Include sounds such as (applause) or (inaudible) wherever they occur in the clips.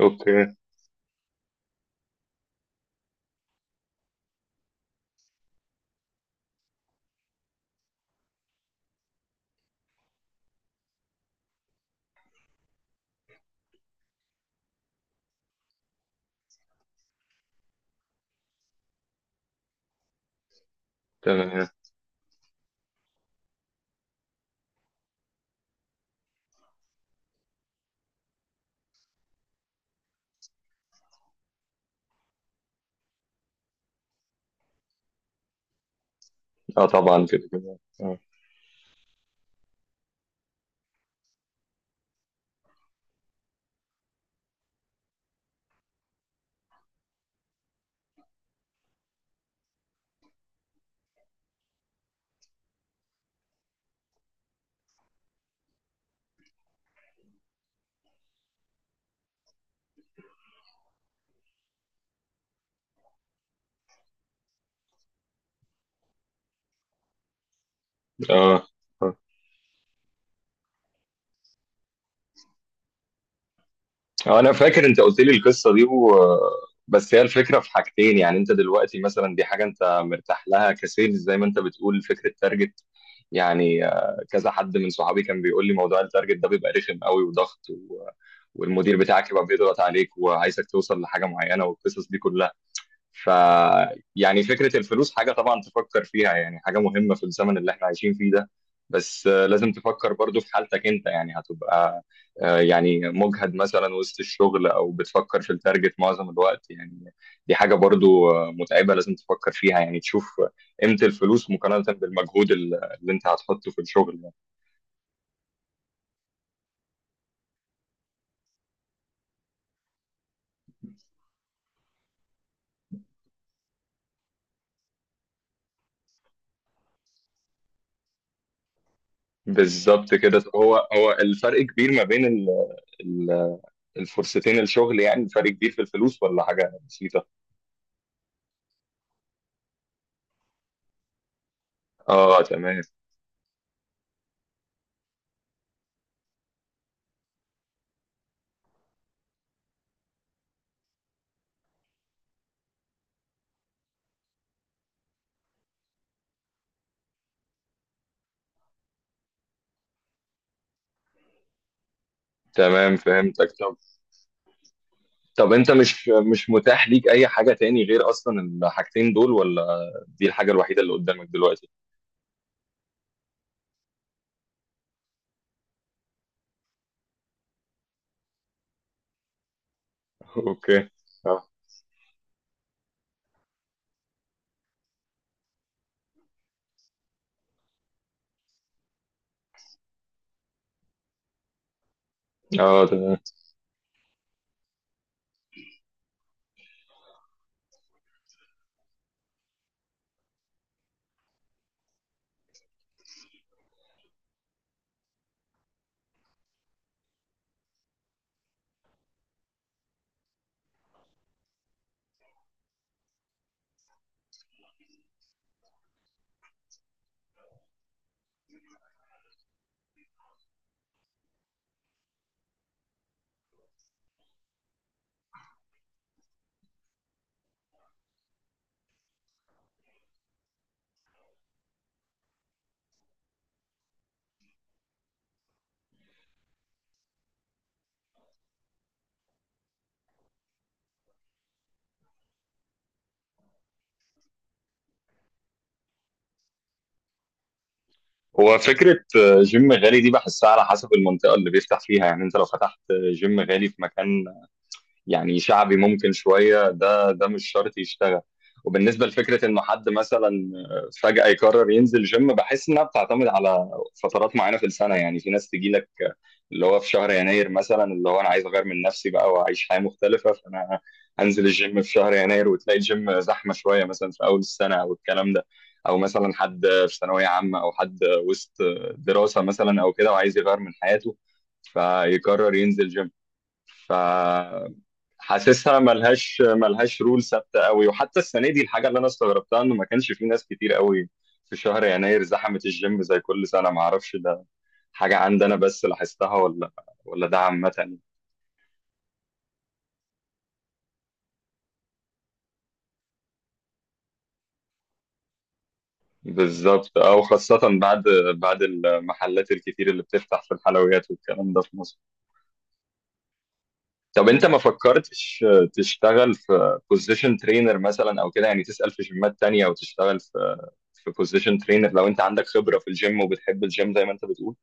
اوكي. تمام. اه، طبعا كده كده. اه. اه. آه. انا فاكر انت قلت لي القصه دي. بس هي الفكره في حاجتين، يعني انت دلوقتي مثلا دي حاجه انت مرتاح لها كسيلز زي ما انت بتقول فكره تارجت. يعني كذا حد من صحابي كان بيقول لي موضوع التارجت ده بيبقى رخم قوي وضغط، والمدير بتاعك يبقى بيضغط عليك وعايزك توصل لحاجه معينه والقصص دي كلها. ف يعني فكرة الفلوس حاجة طبعا تفكر فيها، يعني حاجة مهمة في الزمن اللي احنا عايشين فيه ده. بس لازم تفكر برضو في حالتك انت، يعني هتبقى يعني مجهد مثلا وسط الشغل او بتفكر في التارجت معظم الوقت يعني. دي حاجة برضو متعبة، لازم تفكر فيها، يعني تشوف قيمة الفلوس مقارنة بالمجهود اللي انت هتحطه في الشغل يعني. بالظبط كده، هو الفرق كبير ما بين ال- الفرصتين الشغل، يعني الفرق كبير في الفلوس ولا حاجة بسيطة؟ اه. تمام. تمام، فهمتك. طب. طب انت مش متاح ليك اي حاجة تاني غير اصلا الحاجتين دول، ولا دي الحاجة الوحيدة اللي قدامك دلوقتي؟ (laughs) اوكي. اه. اه تمام. هو فكرة جيم غالي دي بحسها على حسب المنطقة اللي بيفتح فيها، يعني انت لو فتحت جيم غالي في مكان يعني شعبي ممكن شوية، ده مش شرط يشتغل. وبالنسبة لفكرة إنه حد مثلا فجأة يقرر ينزل جيم، بحس إنها بتعتمد على فترات معينة في السنة، يعني في ناس تجي لك اللي هو في شهر يناير مثلا، اللي هو أنا عايز أغير من نفسي بقى وأعيش حياة مختلفة، فأنا هنزل الجيم في شهر يناير وتلاقي الجيم زحمة شوية مثلا في أول السنة أو الكلام ده، أو مثلا حد في ثانوية عامة أو حد وسط دراسة مثلا أو كده وعايز يغير من حياته فيقرر ينزل جيم. ف حاسسها ملهاش رول ثابته قوي. وحتى السنه دي الحاجه اللي انا استغربتها انه ما كانش في ناس كتير قوي في شهر يناير زحمت الجيم زي كل سنه. ما اعرفش، ده حاجه عندي انا بس لاحظتها، ولا ده عامه؟ بالظبط اه، وخاصة بعد المحلات الكتير اللي بتفتح في الحلويات والكلام ده في مصر. طب انت ما فكرتش تشتغل في بوزيشن ترينر مثلا او كده، يعني تسأل في جيمات تانية وتشتغل في بوزيشن ترينر لو انت عندك خبرة في الجيم وبتحب الجيم زي ما انت بتقول.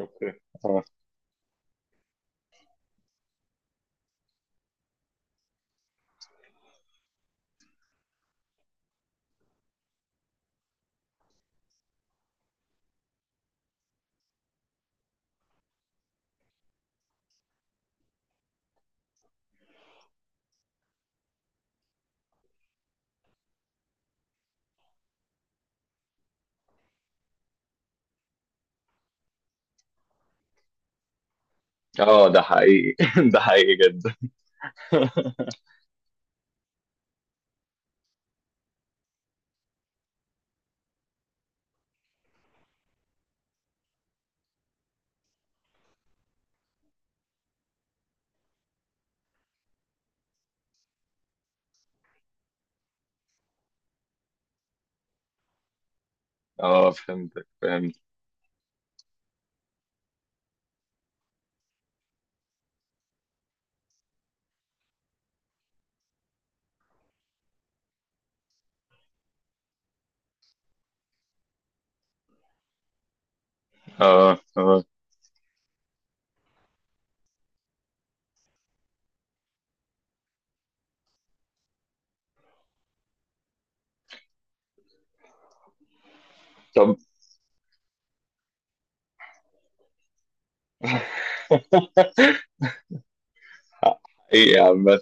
اوكي. اه. اه ده حقيقي. (laughs) ده حقيقي جدا. (laughs) اه، فهمتك، فهمت. اه. اه. طب. (laughs) حقيقي عامة.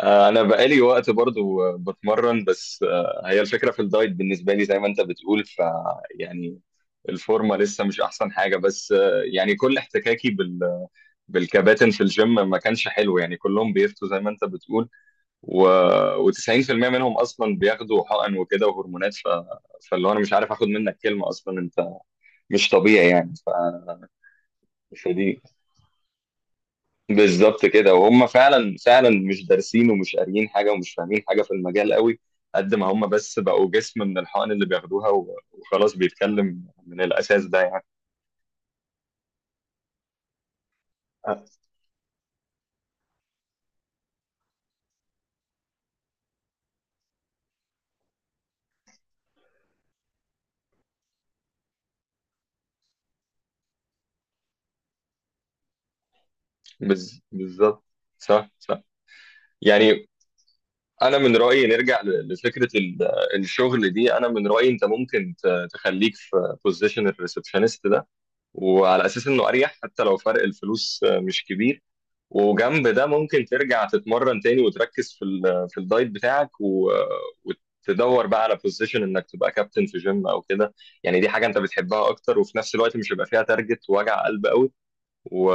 انا بقالي وقت برضو بتمرن، بس هي الفكرة في الدايت بالنسبة لي زي ما انت بتقول. يعني الفورمة لسه مش احسن حاجة، بس يعني كل احتكاكي بالكباتن في الجيم ما كانش حلو، يعني كلهم بيفتوا زي ما انت بتقول و... و90% منهم اصلا بياخدوا حقن وكده وهرمونات، فاللي هو انا مش عارف اخد منك كلمه اصلا انت مش طبيعي يعني. فدي بالظبط كده. وهم فعلا فعلا مش دارسين ومش قاريين حاجه ومش فاهمين حاجه في المجال قوي، قد ما هم بس بقوا جسم من الحقن اللي بياخدوها، وخلاص بيتكلم من الاساس ده يعني. بالظبط. صح. صح، يعني انا من رايي نرجع لفكره الشغل دي. انا من رايي انت ممكن تخليك في بوزيشن الريسبشنست ده، وعلى اساس انه اريح حتى لو فرق الفلوس مش كبير، وجنب ده ممكن ترجع تتمرن تاني وتركز في في الدايت بتاعك، وتدور بقى على بوزيشن انك تبقى كابتن في جيم او كده، يعني دي حاجه انت بتحبها اكتر وفي نفس الوقت مش هيبقى فيها تارجت ووجع قلب قوي و-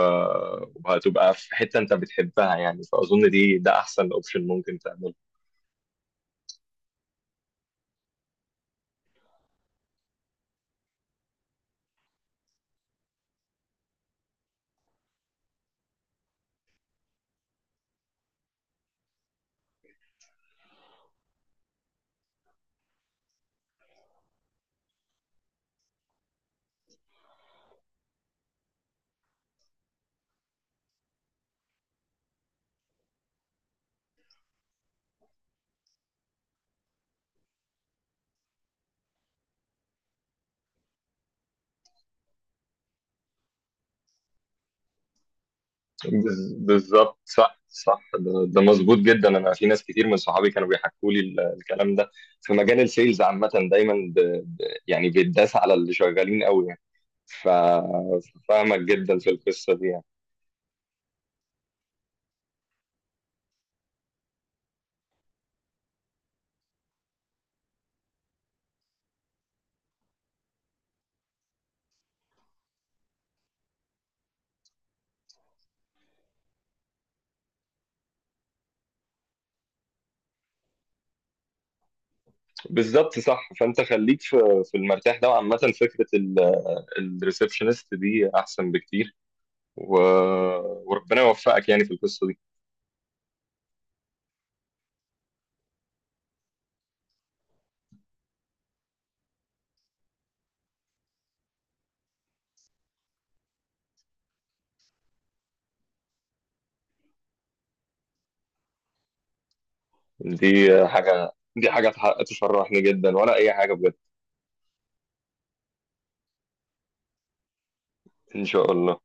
وهتبقى في حته انت بتحبها يعني، فاظن ده احسن اوبشن ممكن تعمله. بالظبط. صح. صح. ده مظبوط جدا. انا في ناس كتير من صحابي كانوا بيحكوا لي الكلام ده في مجال السيلز عامه دايما ب... يعني بيتداس على اللي شغالين قوي يعني. ف- ففاهمك جدا في القصه دي يعني. بالظبط صح، فانت خليك في المرتاح ده، وعامه فكره الريسبشنست دي احسن بكتير و... وربنا يوفقك يعني في القصه دي. دي حاجه دي حاجه تشرحني جدا ولا اي حاجه بجد. ان شاء الله.